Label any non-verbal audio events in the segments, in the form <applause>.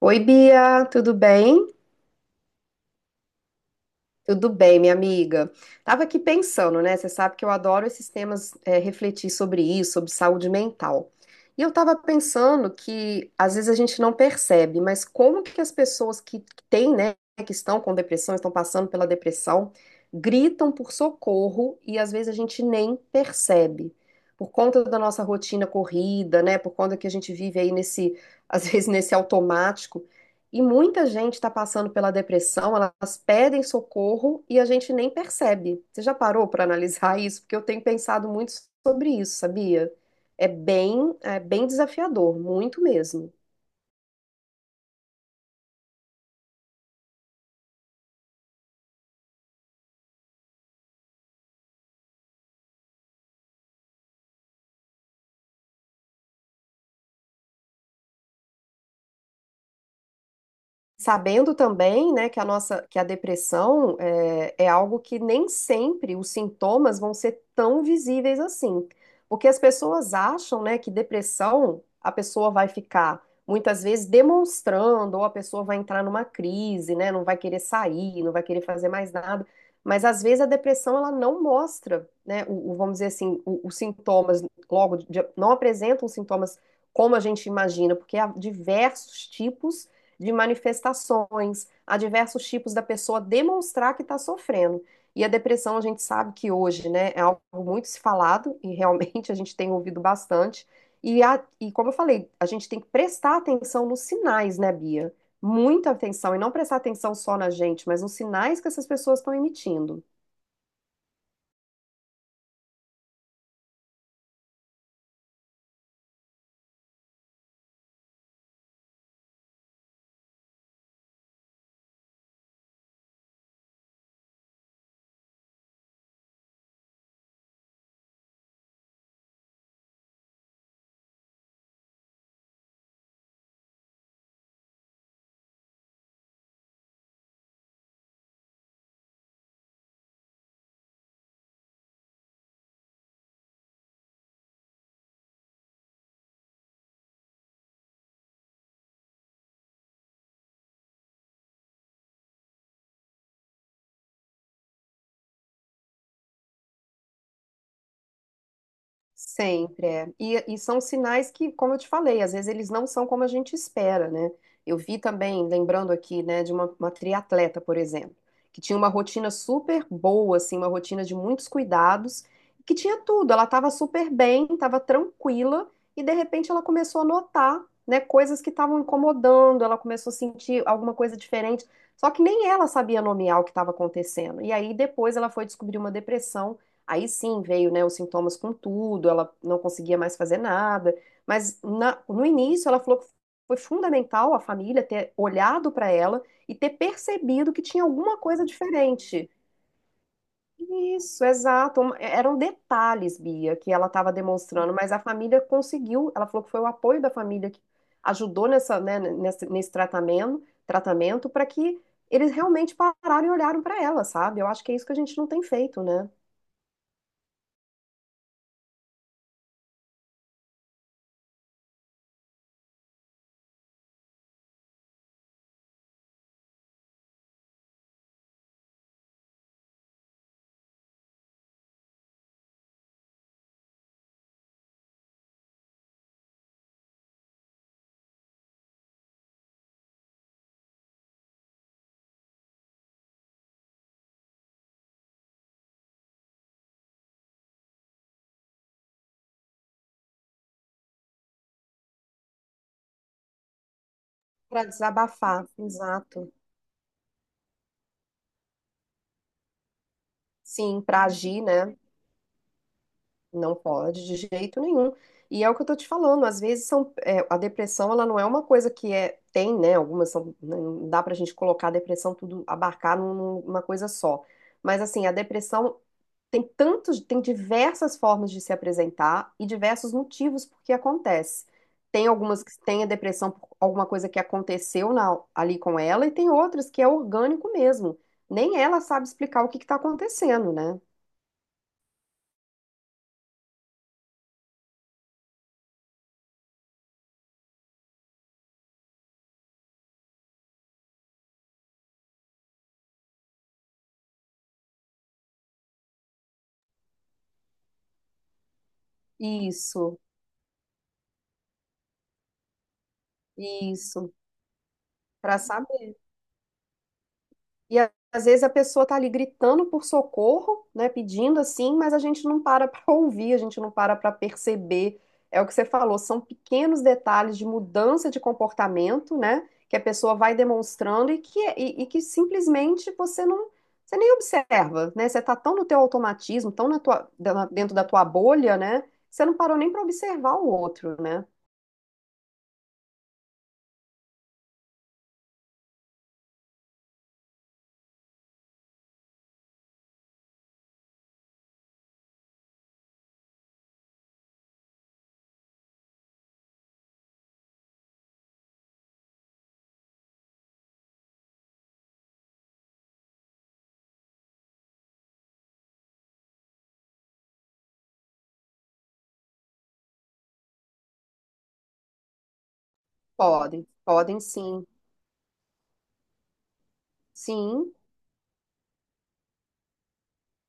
Oi, Bia, tudo bem? Tudo bem, minha amiga. Tava aqui pensando, né? Você sabe que eu adoro esses temas, refletir sobre isso, sobre saúde mental. E eu tava pensando que às vezes a gente não percebe, mas como que as pessoas que têm, né, que estão com depressão, estão passando pela depressão, gritam por socorro e às vezes a gente nem percebe. Por conta da nossa rotina corrida, né? Por conta que a gente vive aí nesse, <laughs> às vezes nesse automático. E muita gente está passando pela depressão, elas pedem socorro e a gente nem percebe. Você já parou para analisar <laughs> isso? Porque eu tenho pensado muito sobre isso, sabia? É bem desafiador, muito mesmo. Sabendo também, né, que a depressão é algo que nem sempre os sintomas vão ser tão visíveis assim. Porque as pessoas acham, né, que depressão a pessoa vai ficar muitas vezes demonstrando, ou a pessoa vai entrar numa crise, né, não vai querer sair, não vai querer fazer mais nada. Mas às vezes a depressão ela não mostra, né, vamos dizer assim, os sintomas logo, não apresentam os sintomas como a gente imagina, porque há diversos tipos de manifestações, há diversos tipos da pessoa demonstrar que está sofrendo. E a depressão, a gente sabe que hoje, né, é algo muito se falado e realmente <laughs> a gente tem ouvido bastante. E como eu falei, a gente tem que prestar atenção nos sinais, né, Bia? Muita atenção e não prestar atenção só na gente, mas nos sinais que essas pessoas estão emitindo. Sempre é. E são sinais que, como eu te falei, às vezes eles não são como a gente espera, né? Eu vi também, lembrando aqui, né, de uma triatleta, por exemplo, que tinha uma rotina super boa, assim, uma rotina de muitos cuidados, que tinha tudo. Ela estava super bem, estava tranquila, e de repente ela começou a notar, né, coisas que estavam incomodando, ela começou a sentir alguma coisa diferente. Só que nem ela sabia nomear o que estava acontecendo. E aí depois ela foi descobrir uma depressão. Aí sim veio, né, os sintomas com tudo, ela não conseguia mais fazer nada, mas no início ela falou que foi fundamental a família ter olhado para ela e ter percebido que tinha alguma coisa diferente. Isso, exato. Eram detalhes, Bia, que ela estava demonstrando, mas a família conseguiu. Ela falou que foi o apoio da família que ajudou nessa, né, nesse tratamento, tratamento para que eles realmente pararam e olharam para ela, sabe? Eu acho que é isso que a gente não tem feito, né? Para desabafar, exato. Sim, para agir, né? Não pode de jeito nenhum. E é o que eu tô te falando, às vezes, a depressão, ela não é uma coisa que é, tem, né? Algumas são, né? Não dá pra gente colocar a depressão tudo, abarcar numa coisa só. Mas assim, a depressão tem tantos, tem diversas formas de se apresentar e diversos motivos por que acontece. Tem algumas que têm a depressão por alguma coisa que aconteceu ali com ela, e tem outras que é orgânico mesmo. Nem ela sabe explicar o que está acontecendo, né? Isso, isso, para saber. E às vezes a pessoa tá ali gritando por socorro, né, pedindo assim, mas a gente não para <laughs> para ouvir, a gente não para para perceber. É o que você falou, são pequenos detalhes de mudança de comportamento, né, que a pessoa vai demonstrando e e que simplesmente você não, você nem observa, né? Você tá tão no teu automatismo, tão na dentro da tua bolha, né? Você não parou nem para observar o outro, né? Podem, podem sim, sim.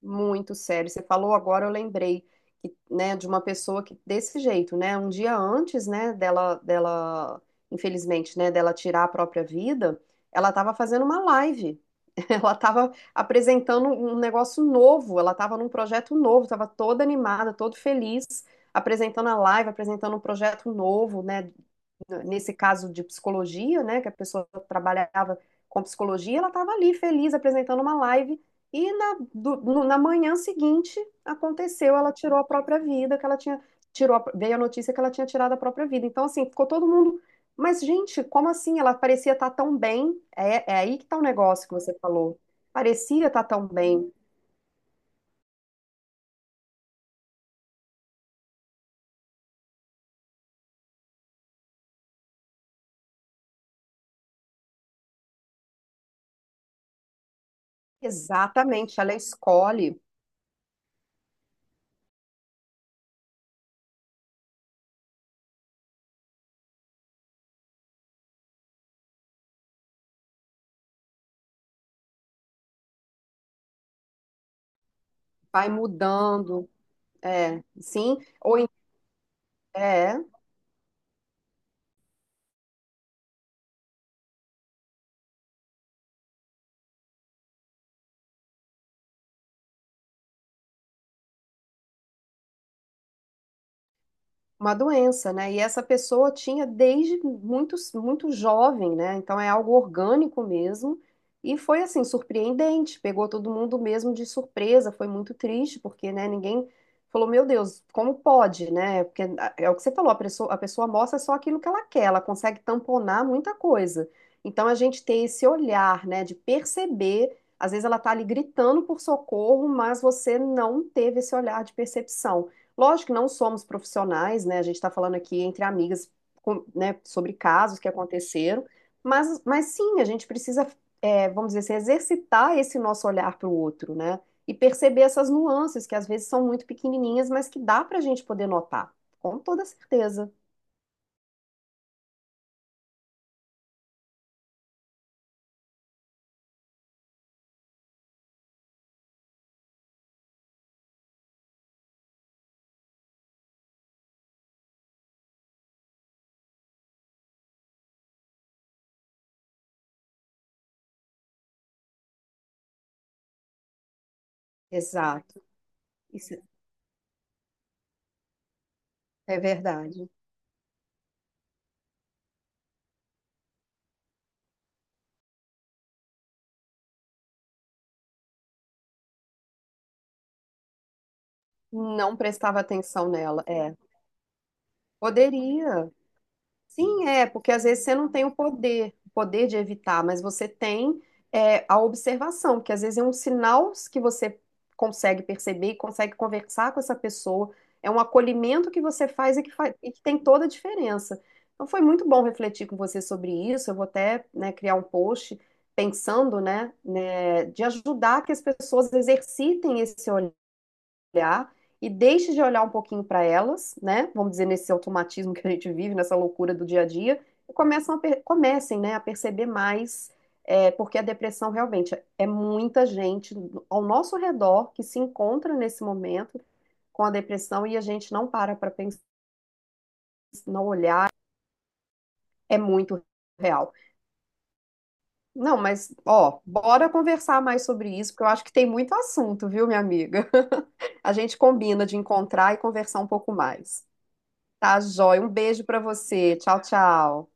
Muito sério. Você falou agora, eu lembrei que, né, de uma pessoa que desse jeito, né, um dia antes, né, infelizmente, né, dela tirar a própria vida, ela estava fazendo uma live. <laughs> Ela estava apresentando um negócio novo, ela estava num projeto novo, estava toda animada, todo feliz, apresentando a live, apresentando um projeto novo, né, nesse caso de psicologia, né, que a pessoa trabalhava com psicologia, ela estava ali feliz apresentando uma live e na, do- no- na manhã seguinte aconteceu, ela tirou a própria vida, que ela tinha veio a notícia que ela tinha tirado a própria vida. Então assim, ficou todo mundo, mas gente, como assim? Ela parecia estar tão bem. É aí que está o negócio que você falou. Parecia estar tão bem. Exatamente, ela escolhe, vai mudando. É, sim, é, uma doença, né? E essa pessoa tinha desde muito, muito jovem, né? Então é algo orgânico mesmo. E foi assim, surpreendente, pegou todo mundo mesmo de surpresa, foi muito triste, porque, né, ninguém falou, meu Deus, como pode, né? Porque ah, é o que você falou, a pessoa mostra só aquilo que ela quer, ela consegue tamponar muita coisa. Então a gente tem esse olhar, né, de perceber, às vezes ela tá ali gritando por socorro, mas você não teve esse olhar de percepção. Lógico que não somos profissionais, né? A gente está falando aqui entre amigas, né, sobre casos que aconteceram, mas sim, a gente precisa, é, vamos dizer assim, exercitar esse nosso olhar para o outro, né? E perceber essas nuances que às vezes são muito pequenininhas, mas que dá para a gente poder notar, com toda certeza. Exato, isso é verdade. Não prestava atenção nela, é. Poderia. Sim, é, porque às vezes você não tem o poder de evitar, mas você tem é, a observação, que às vezes é um sinal que você consegue perceber e consegue conversar com essa pessoa, é um acolhimento que você faz e e que tem toda a diferença. Então foi muito bom refletir com você sobre isso, eu vou até, né, criar um post pensando, né, de ajudar que as pessoas exercitem esse olhar e deixe de olhar um pouquinho para elas, né? Vamos dizer, nesse automatismo que a gente vive, nessa loucura do dia a dia, e comecem, né, a perceber mais, é, porque a depressão realmente é muita gente ao nosso redor que se encontra nesse momento com a depressão e a gente não para para pensar, não olhar, é muito real. Não, mas, ó, bora conversar mais sobre isso, porque eu acho que tem muito assunto, viu, minha amiga? <laughs> A gente combina de encontrar e conversar um pouco mais. Tá, joia. Um beijo pra você. Tchau, tchau.